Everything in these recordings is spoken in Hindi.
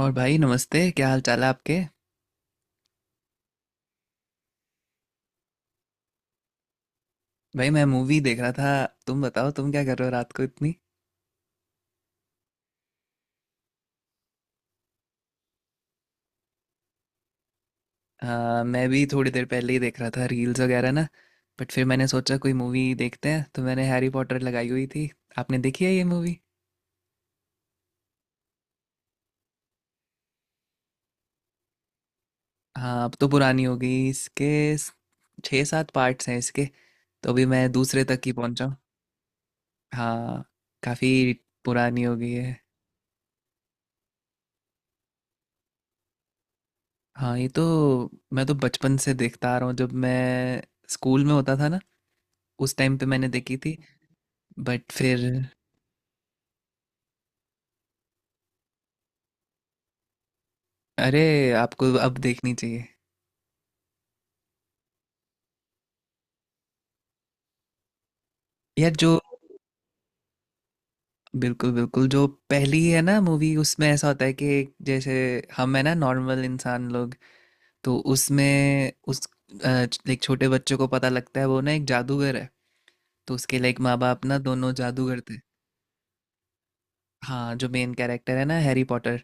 और भाई, नमस्ते। क्या हाल चाल है आपके? भाई, मैं मूवी देख रहा था। तुम बताओ, तुम क्या कर रहे हो रात को इतनी? मैं भी थोड़ी देर पहले ही देख रहा था रील्स वगैरह ना। बट फिर मैंने सोचा कोई मूवी देखते हैं, तो मैंने हैरी पॉटर लगाई हुई थी। आपने देखी है ये मूवी? हाँ, अब तो पुरानी हो गई। इसके स- छः सात पार्ट्स हैं। इसके तो अभी मैं दूसरे तक ही पहुंचा हूँ। हाँ, काफ़ी पुरानी हो गई है। हाँ, ये तो मैं तो बचपन से देखता आ रहा हूँ। जब मैं स्कूल में होता था ना, उस टाइम पे मैंने देखी थी। बट फिर। अरे, आपको अब देखनी चाहिए। यार, जो बिल्कुल बिल्कुल जो पहली है ना मूवी, उसमें ऐसा होता है कि, जैसे हम है ना, नॉर्मल इंसान लोग। तो उसमें अ, एक छोटे बच्चे को पता लगता है वो ना एक जादूगर है। तो उसके लाइक माँ बाप ना दोनों जादूगर थे। हाँ, जो मेन कैरेक्टर है ना, हैरी पॉटर।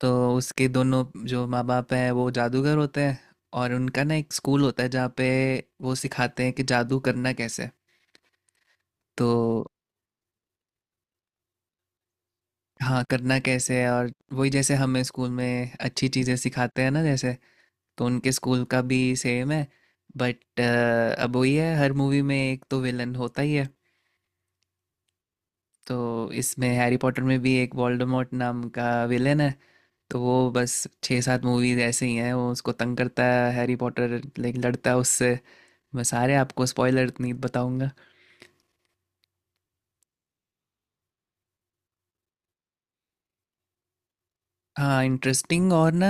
तो उसके दोनों जो माँ बाप हैं वो जादूगर होते हैं। और उनका ना एक स्कूल होता है जहाँ पे वो सिखाते हैं कि जादू करना कैसे। तो हाँ, करना कैसे है। और वही जैसे हमें स्कूल में अच्छी चीज़ें सिखाते हैं ना, जैसे तो उनके स्कूल का भी सेम है। बट अब वही है, हर मूवी में एक तो विलन होता ही है। तो इसमें हैरी पॉटर में भी एक वोल्डेमॉर्ट नाम का विलन है। तो वो बस छः सात मूवीज ऐसे ही हैं, वो उसको तंग करता है, हैरी पॉटर लाइक लड़ता है उससे। मैं सारे आपको स्पॉइलर नहीं बताऊंगा। हाँ, इंटरेस्टिंग और ना,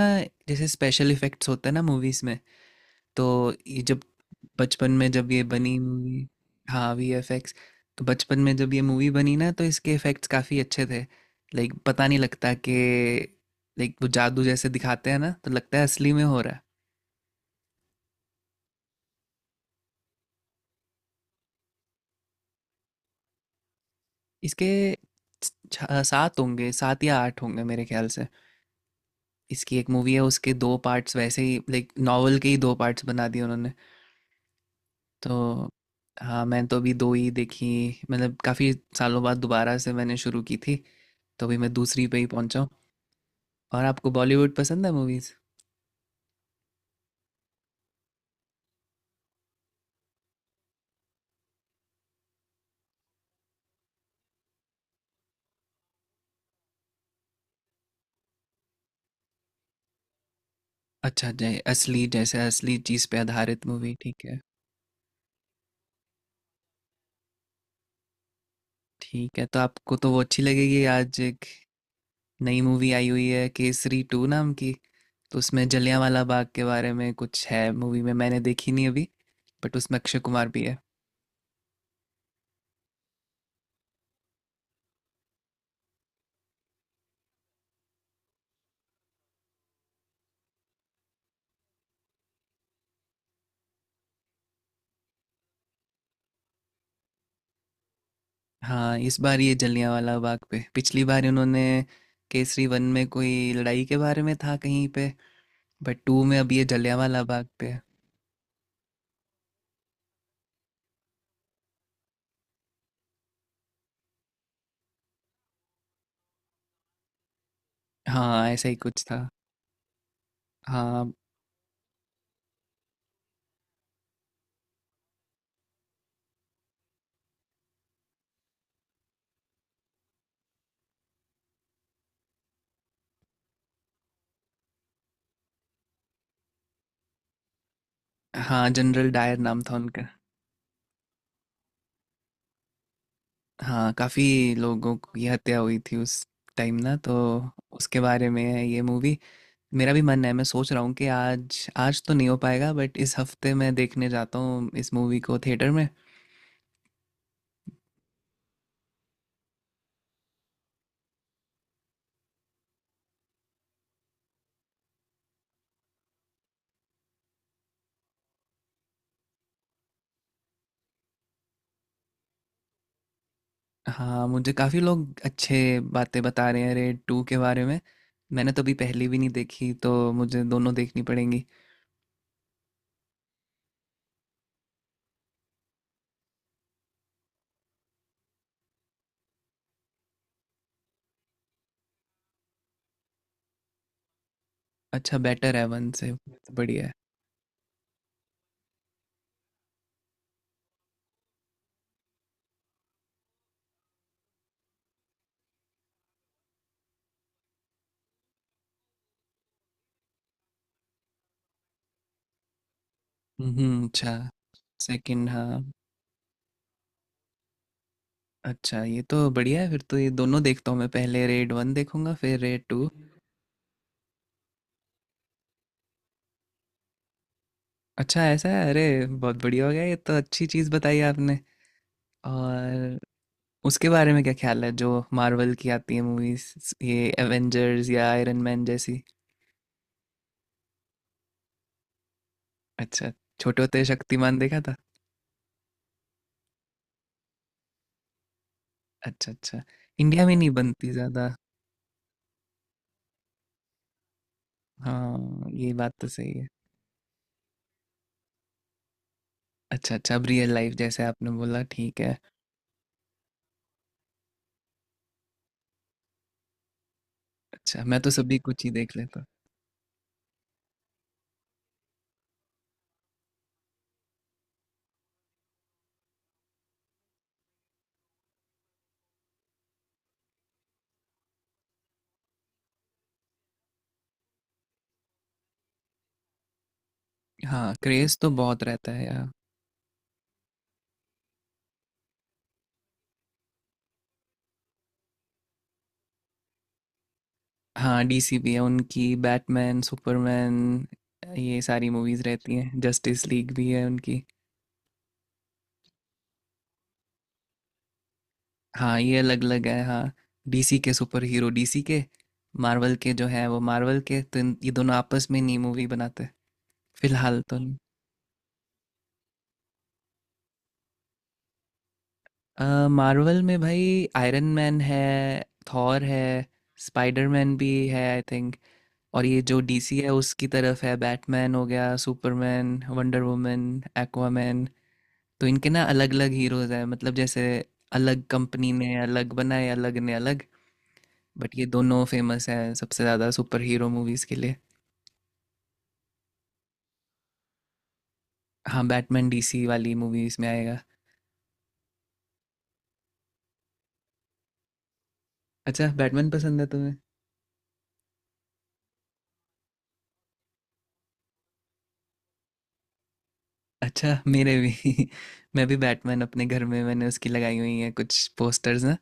जैसे स्पेशल इफेक्ट्स होते हैं ना मूवीज में, तो ये जब बचपन में जब ये बनी मूवी। हाँ, वीएफएक्स। तो बचपन में जब ये मूवी बनी ना, तो इसके इफेक्ट्स काफ़ी अच्छे थे। लाइक पता नहीं लगता कि, लाइक वो जादू जैसे दिखाते हैं ना, तो लगता है असली में हो रहा है। इसके सात होंगे, सात या आठ होंगे मेरे ख्याल से। इसकी एक मूवी है उसके दो पार्ट्स, वैसे ही लाइक नॉवल के ही दो पार्ट्स बना दिए उन्होंने। तो हाँ, मैं तो अभी दो ही देखी। मतलब काफ़ी सालों बाद दोबारा से मैंने शुरू की थी, तो अभी मैं दूसरी पे ही पहुंचा हूँ। और आपको बॉलीवुड पसंद है मूवीज? अच्छा, जय असली जैसे असली चीज पे आधारित मूवी, ठीक है। ठीक है, तो आपको तो वो अच्छी लगेगी। आज एक नई मूवी आई हुई है, केसरी टू नाम की। तो उसमें जलियांवाला बाग के बारे में कुछ है मूवी में, मैंने देखी नहीं अभी। बट उसमें अक्षय कुमार भी है। हाँ, इस बार ये जलियांवाला बाग पे। पिछली बार उन्होंने केसरी वन में कोई लड़ाई के बारे में था कहीं पे। बट टू में अब ये जलियांवाला बाग पे है। हाँ, ऐसा ही कुछ था। हाँ हाँ, जनरल डायर नाम था उनका। हाँ, काफ़ी लोगों की हत्या हुई थी उस टाइम ना, तो उसके बारे में है ये मूवी। मेरा भी मन है, मैं सोच रहा हूँ कि आज आज तो नहीं हो पाएगा, बट इस हफ्ते मैं देखने जाता हूँ इस मूवी को थिएटर में। हाँ, मुझे काफ़ी लोग अच्छे बातें बता रहे हैं रेड टू के बारे में। मैंने तो अभी पहली भी नहीं देखी, तो मुझे दोनों देखनी पड़ेंगी। अच्छा, बेटर है वन से। बढ़िया है। अच्छा। सेकंड, हाँ। अच्छा, ये तो बढ़िया है, फिर तो ये दोनों देखता हूँ मैं, पहले रेड वन देखूंगा फिर रेड टू। अच्छा ऐसा है? अरे, बहुत बढ़िया हो गया ये तो। अच्छी चीज़ बताई आपने। और उसके बारे में क्या ख्याल है जो मार्वल की आती है मूवीज, ये एवेंजर्स या आयरन मैन जैसी? अच्छा। छोटे होते शक्तिमान देखा था। अच्छा अच्छा, इंडिया में नहीं बनती ज़्यादा। हाँ, ये बात तो सही है। अच्छा अच्छा, अब रियल लाइफ, जैसे आपने बोला, ठीक है। अच्छा, मैं तो सभी कुछ ही देख लेता हूँ। हाँ, क्रेज तो बहुत रहता है। हाँ, डीसी भी है उनकी, बैटमैन, सुपरमैन। ये सारी मूवीज़ रहती हैं, जस्टिस लीग भी है उनकी। हाँ, ये अलग-अलग है हाँ। डीसी के सुपरहीरो डीसी के, मार्वल के जो हैं वो मार्वल के, तो इन ये दोनों आपस में नहीं मूवी बनाते। फ़िलहाल तो नहीं। मार्वल में भाई आयरन मैन है, थॉर है, स्पाइडरमैन भी है आई थिंक। और ये जो डीसी है उसकी तरफ है बैटमैन हो गया, सुपरमैन, वंडर वुमन, एक्वामैन। तो इनके ना अलग अलग हीरोज हैं, मतलब जैसे अलग कंपनी ने अलग बनाए, अलग ने अलग। बट ये दोनों फेमस हैं सबसे ज़्यादा सुपर हीरो मूवीज़ के लिए। हाँ, बैटमैन डीसी वाली मूवीज़ में आएगा। अच्छा, बैटमैन पसंद है तुम्हें? अच्छा, मेरे भी मैं भी बैटमैन, अपने घर में मैंने उसकी लगाई हुई है कुछ पोस्टर्स ना।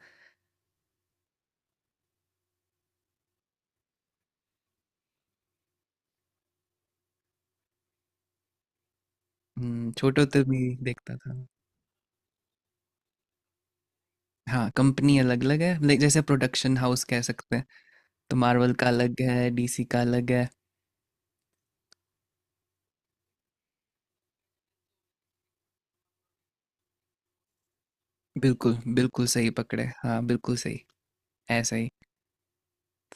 छोटे होते भी देखता था। हाँ, कंपनी अलग अलग है, लाइक जैसे प्रोडक्शन हाउस कह सकते हैं। तो मार्वल का अलग है, डीसी का अलग है। बिल्कुल बिल्कुल सही पकड़े, हाँ बिल्कुल सही। ऐसा ही।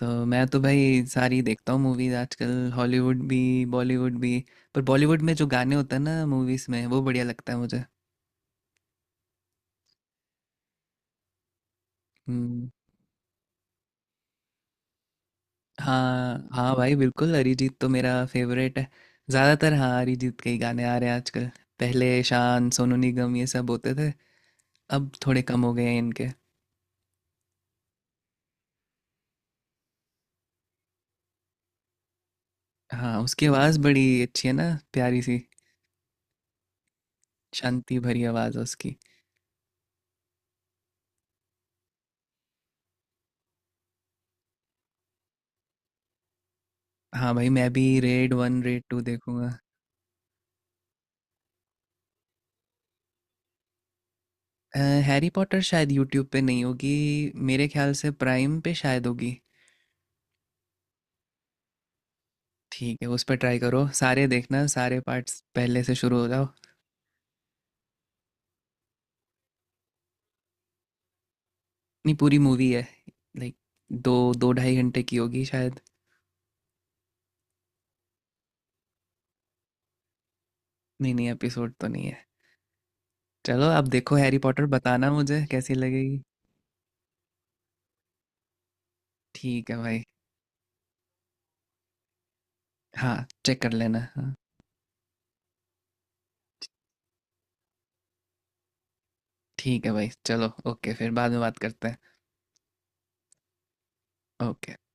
तो मैं तो भाई सारी देखता हूँ मूवीज आजकल, हॉलीवुड भी, बॉलीवुड भी। पर बॉलीवुड में जो गाने होते हैं ना मूवीज में, वो बढ़िया लगता है मुझे। हम्म। हाँ हाँ भाई, बिल्कुल अरिजीत तो मेरा फेवरेट है। ज़्यादातर हाँ, अरिजीत के ही गाने आ रहे हैं आजकल। पहले शान, सोनू निगम ये सब होते थे, अब थोड़े कम हो गए हैं इनके। हाँ, उसकी आवाज़ बड़ी अच्छी है ना, प्यारी सी। शांति भरी आवाज़ है उसकी। हाँ भाई, मैं भी रेड वन रेड टू देखूंगा। अ, हैरी पॉटर शायद यूट्यूब पे नहीं होगी। मेरे ख्याल से प्राइम पे शायद होगी। ठीक है, उस पर ट्राई करो। सारे देखना, सारे पार्ट्स पहले से शुरू हो जाओ। नहीं, पूरी मूवी है, लाइक दो दो ढाई घंटे की होगी शायद। नहीं नहीं, एपिसोड तो नहीं है। चलो अब, देखो हैरी पॉटर, बताना मुझे कैसी लगेगी। ठीक है भाई। हाँ, चेक कर लेना, हाँ। ठीक है भाई, चलो। ओके, फिर बाद में बात करते हैं। ओके।